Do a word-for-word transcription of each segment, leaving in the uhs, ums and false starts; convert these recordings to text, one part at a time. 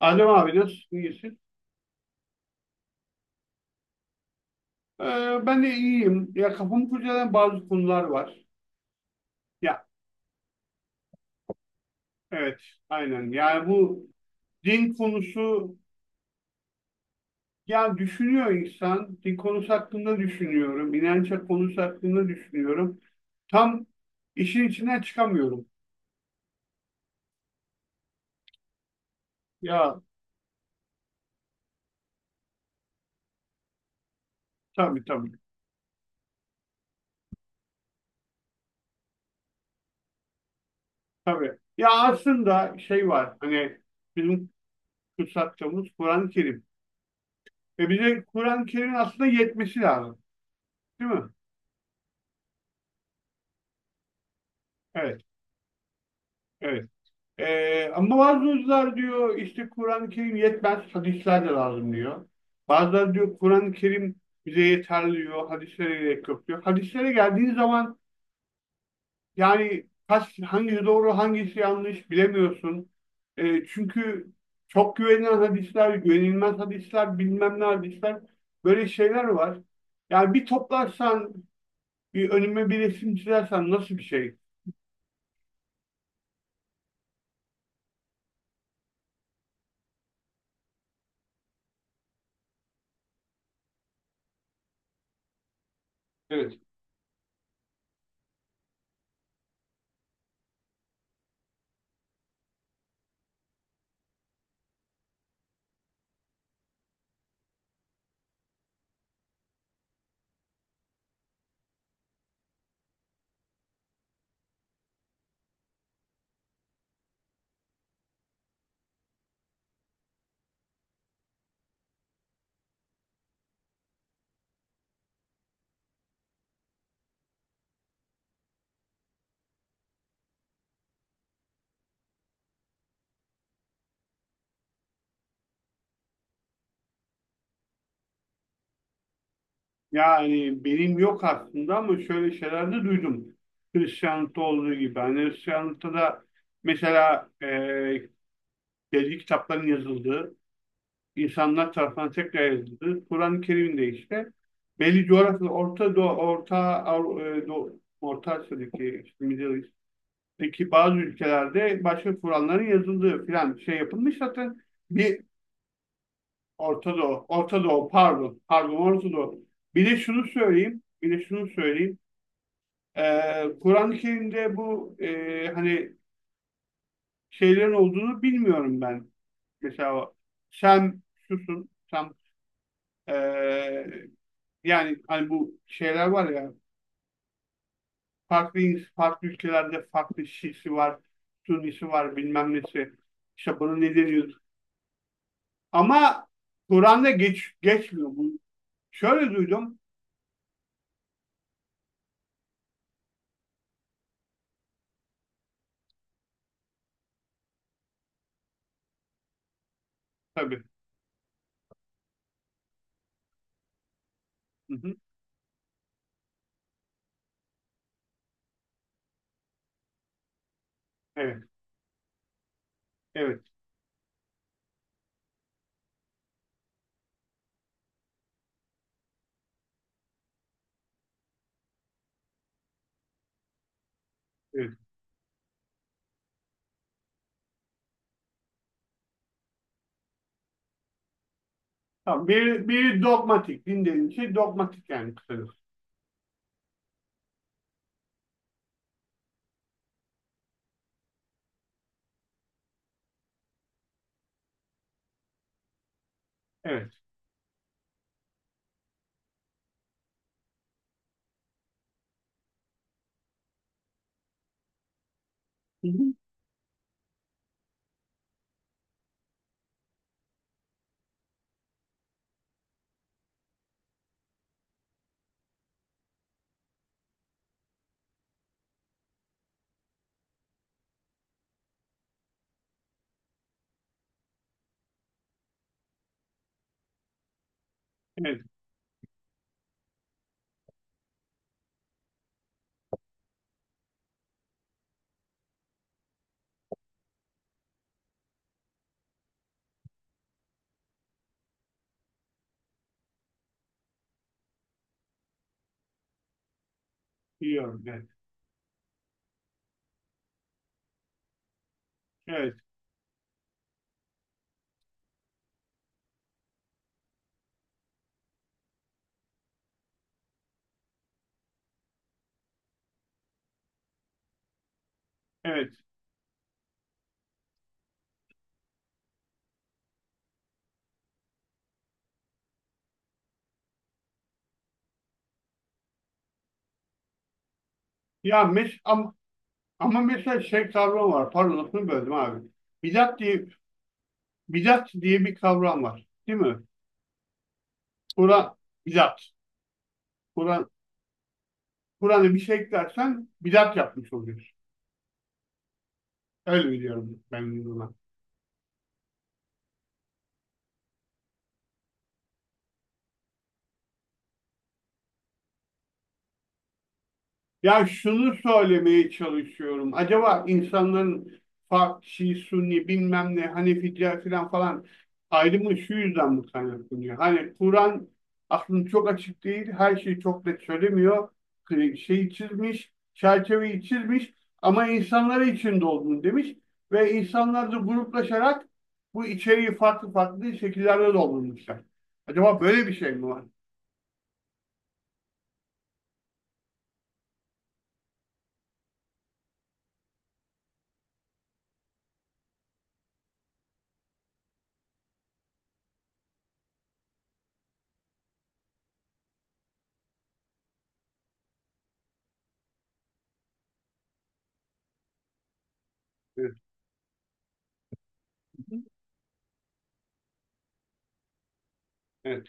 Adem abi nasılsın? İyisin. Ee, ben de iyiyim. Ya kafamı kurcalayan bazı konular var. Ya evet, aynen. Yani bu din konusu, ya düşünüyor insan. Din konusu hakkında düşünüyorum. İnanç konusu hakkında düşünüyorum. Tam işin içinden çıkamıyorum. Ya tabii tabii. Tabii. Ya aslında şey var. Hani bizim kutsattığımız Kur'an-ı Kerim. Ve bize Kur'an-ı Kerim'in aslında yetmesi lazım. Değil mi? Evet. Evet. Ee, ama bazıları diyor işte Kur'an-ı Kerim yetmez, hadisler de lazım diyor. Bazıları diyor Kur'an-ı Kerim bize yeterli diyor, hadislere gerek yok diyor. Hadislere geldiğin zaman yani kaç, hangisi doğru, hangisi yanlış bilemiyorsun. Ee, çünkü çok güvenilen hadisler, güvenilmez hadisler, bilmem ne hadisler, böyle şeyler var. Yani bir toplarsan, bir önüme bir resim çizersen nasıl bir şey? Evet. Yani benim yok aslında ama şöyle şeyler de duydum. Hristiyanlıkta olduğu gibi. Hani Hristiyanlıkta da mesela e, belli kitapların yazıldığı, insanlar tarafından tekrar yazıldığı, Kur'an-ı Kerim'de işte belli coğrafyada Orta Doğu, Orta, Avru- e, Doğu- Orta Asya'daki işte Middle East, bazı ülkelerde başka Kur'anların yazıldığı filan şey yapılmış zaten. Bir Orta Doğu, Orta Doğu, pardon, pardon, Orta Doğu. Bir de şunu söyleyeyim, bir de şunu söyleyeyim. Ee, Kur'an-ı Kerim'de bu e, hani şeylerin olduğunu bilmiyorum ben. Mesela o Sem susun, Sem e, yani hani bu şeyler var ya, farklı ins- farklı ülkelerde farklı Şiisi var, Sünnisi var, bilmem nesi. İşte bunu ne deniyor? Ama Kur'an'da geç geçmiyor bu. Şöyle duydum tabii. Hı hı. Evet, evet, evet. Tamam. Biri, biri dogmatik, din denilen şey dogmatik yani kısacası. Evet. Hı hı. Evet. Biliyorum. Evet. Evet, evet. Ya mes ama, ama mesela şey kavram var. Pardon lafını böldüm abi. Bidat diye bidat diye bir kavram var. Değil mi? Kur'an bidat. Kur'an Kur'an'a bir şey eklersen bidat yapmış oluyorsun. Öyle biliyorum ben bunu. Ya şunu söylemeye çalışıyorum. Acaba insanların Fa- Şii, Sünni, bilmem ne, Hanefi, diğer filan falan ayrımı şu yüzden mi kaynaklanıyor? Hani Kur'an aslında çok açık değil, her şeyi çok net söylemiyor. Kri- Şeyi çizmiş, çerçeveyi çizmiş ama insanlara içinde olduğunu demiş ve insanlar da gruplaşarak bu içeriği farklı farklı şekillerde doldurmuşlar. Acaba böyle bir şey mi var? Evet. Evet.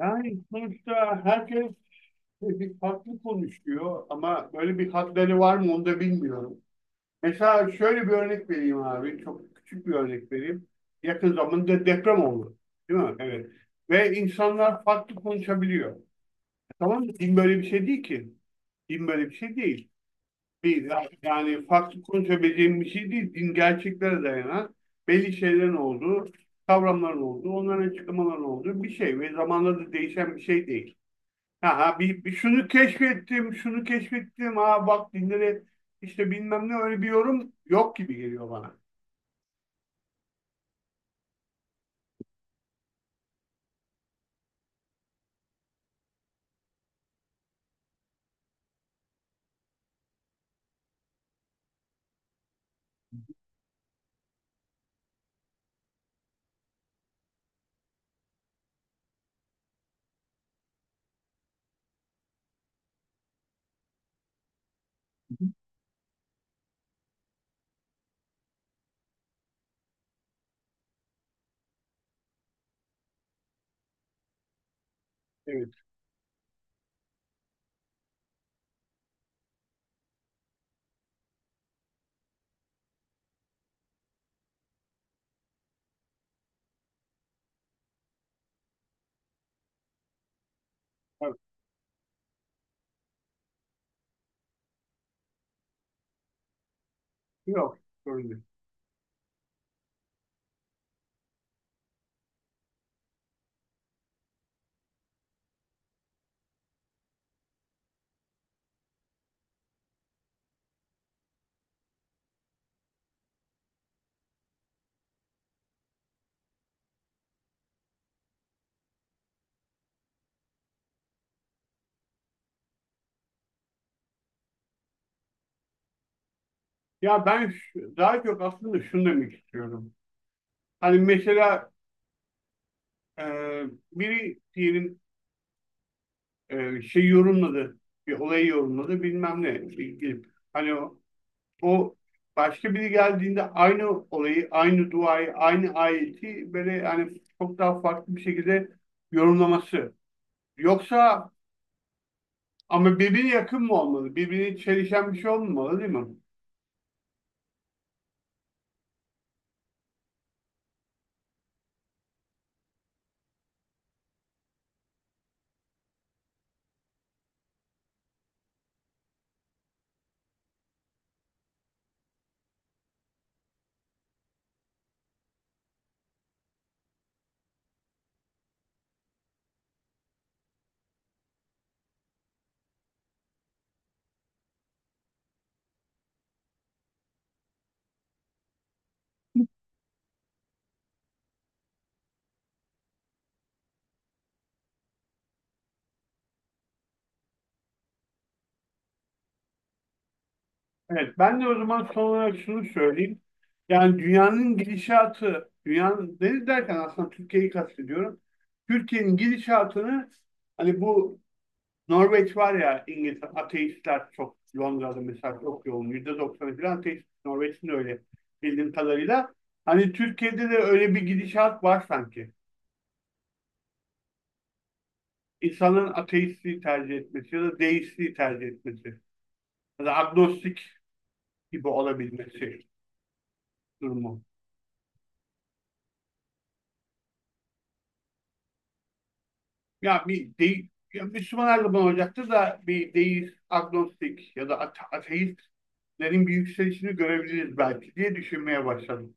Yani sonuçta herkes bir farklı konuşuyor ama böyle bir hatları var mı onu da bilmiyorum. Mesela şöyle bir örnek vereyim abi. Çok küçük bir örnek vereyim. Yakın zamanda deprem oldu. Değil mi? Evet. Ve insanlar farklı konuşabiliyor. Tamam mı? Din böyle bir şey değil ki. Din böyle bir şey değil. Bir, yani farklı konuşabileceğim bir şey değil. Din gerçeklere dayanan belli şeylerin olduğu, kavramların olduğu, onların açıklamaların olduğu bir şey ve zamanla da değişen bir şey değil, ha bir, bir şunu keşfettim, şunu keşfettim. Ha bak, dinleri işte bilmem ne öyle bir yorum yok gibi geliyor bana. Evet, evet. Yok, sorun değil. Ya ben şu- daha çok aslında şunu demek istiyorum. Hani mesela e, biri diyelim e, şey yorumladı, bir olayı yorumladı bilmem ne ilgili. Hani o, o başka biri geldiğinde aynı olayı, aynı duayı, aynı ayeti böyle hani çok daha farklı bir şekilde yorumlaması. Yoksa ama birbirine yakın mı olmalı? Birbirine çelişen bir şey olmamalı değil mi? Evet, ben de o zaman son olarak şunu söyleyeyim. Yani dünyanın gidişatı, dünyanın deniz derken aslında Türkiye'yi kastediyorum. Türkiye'nin gidişatını hani bu Norveç var ya, İngiltere, ateistler çok Londra'da mesela çok yoğun. yüzde doksanı falan ateist. Norveç'in de öyle bildiğim kadarıyla. Hani Türkiye'de de öyle bir gidişat var sanki. İnsanların ateistliği tercih etmesi ya da deistliği tercih etmesi ya da agnostik gibi olabilmesi durumu. Ya bir değil, ya Müslüman her zaman olacaktır da bir deist, agnostik ya da ate- ateistlerin bir yükselişini görebiliriz belki diye düşünmeye başladım.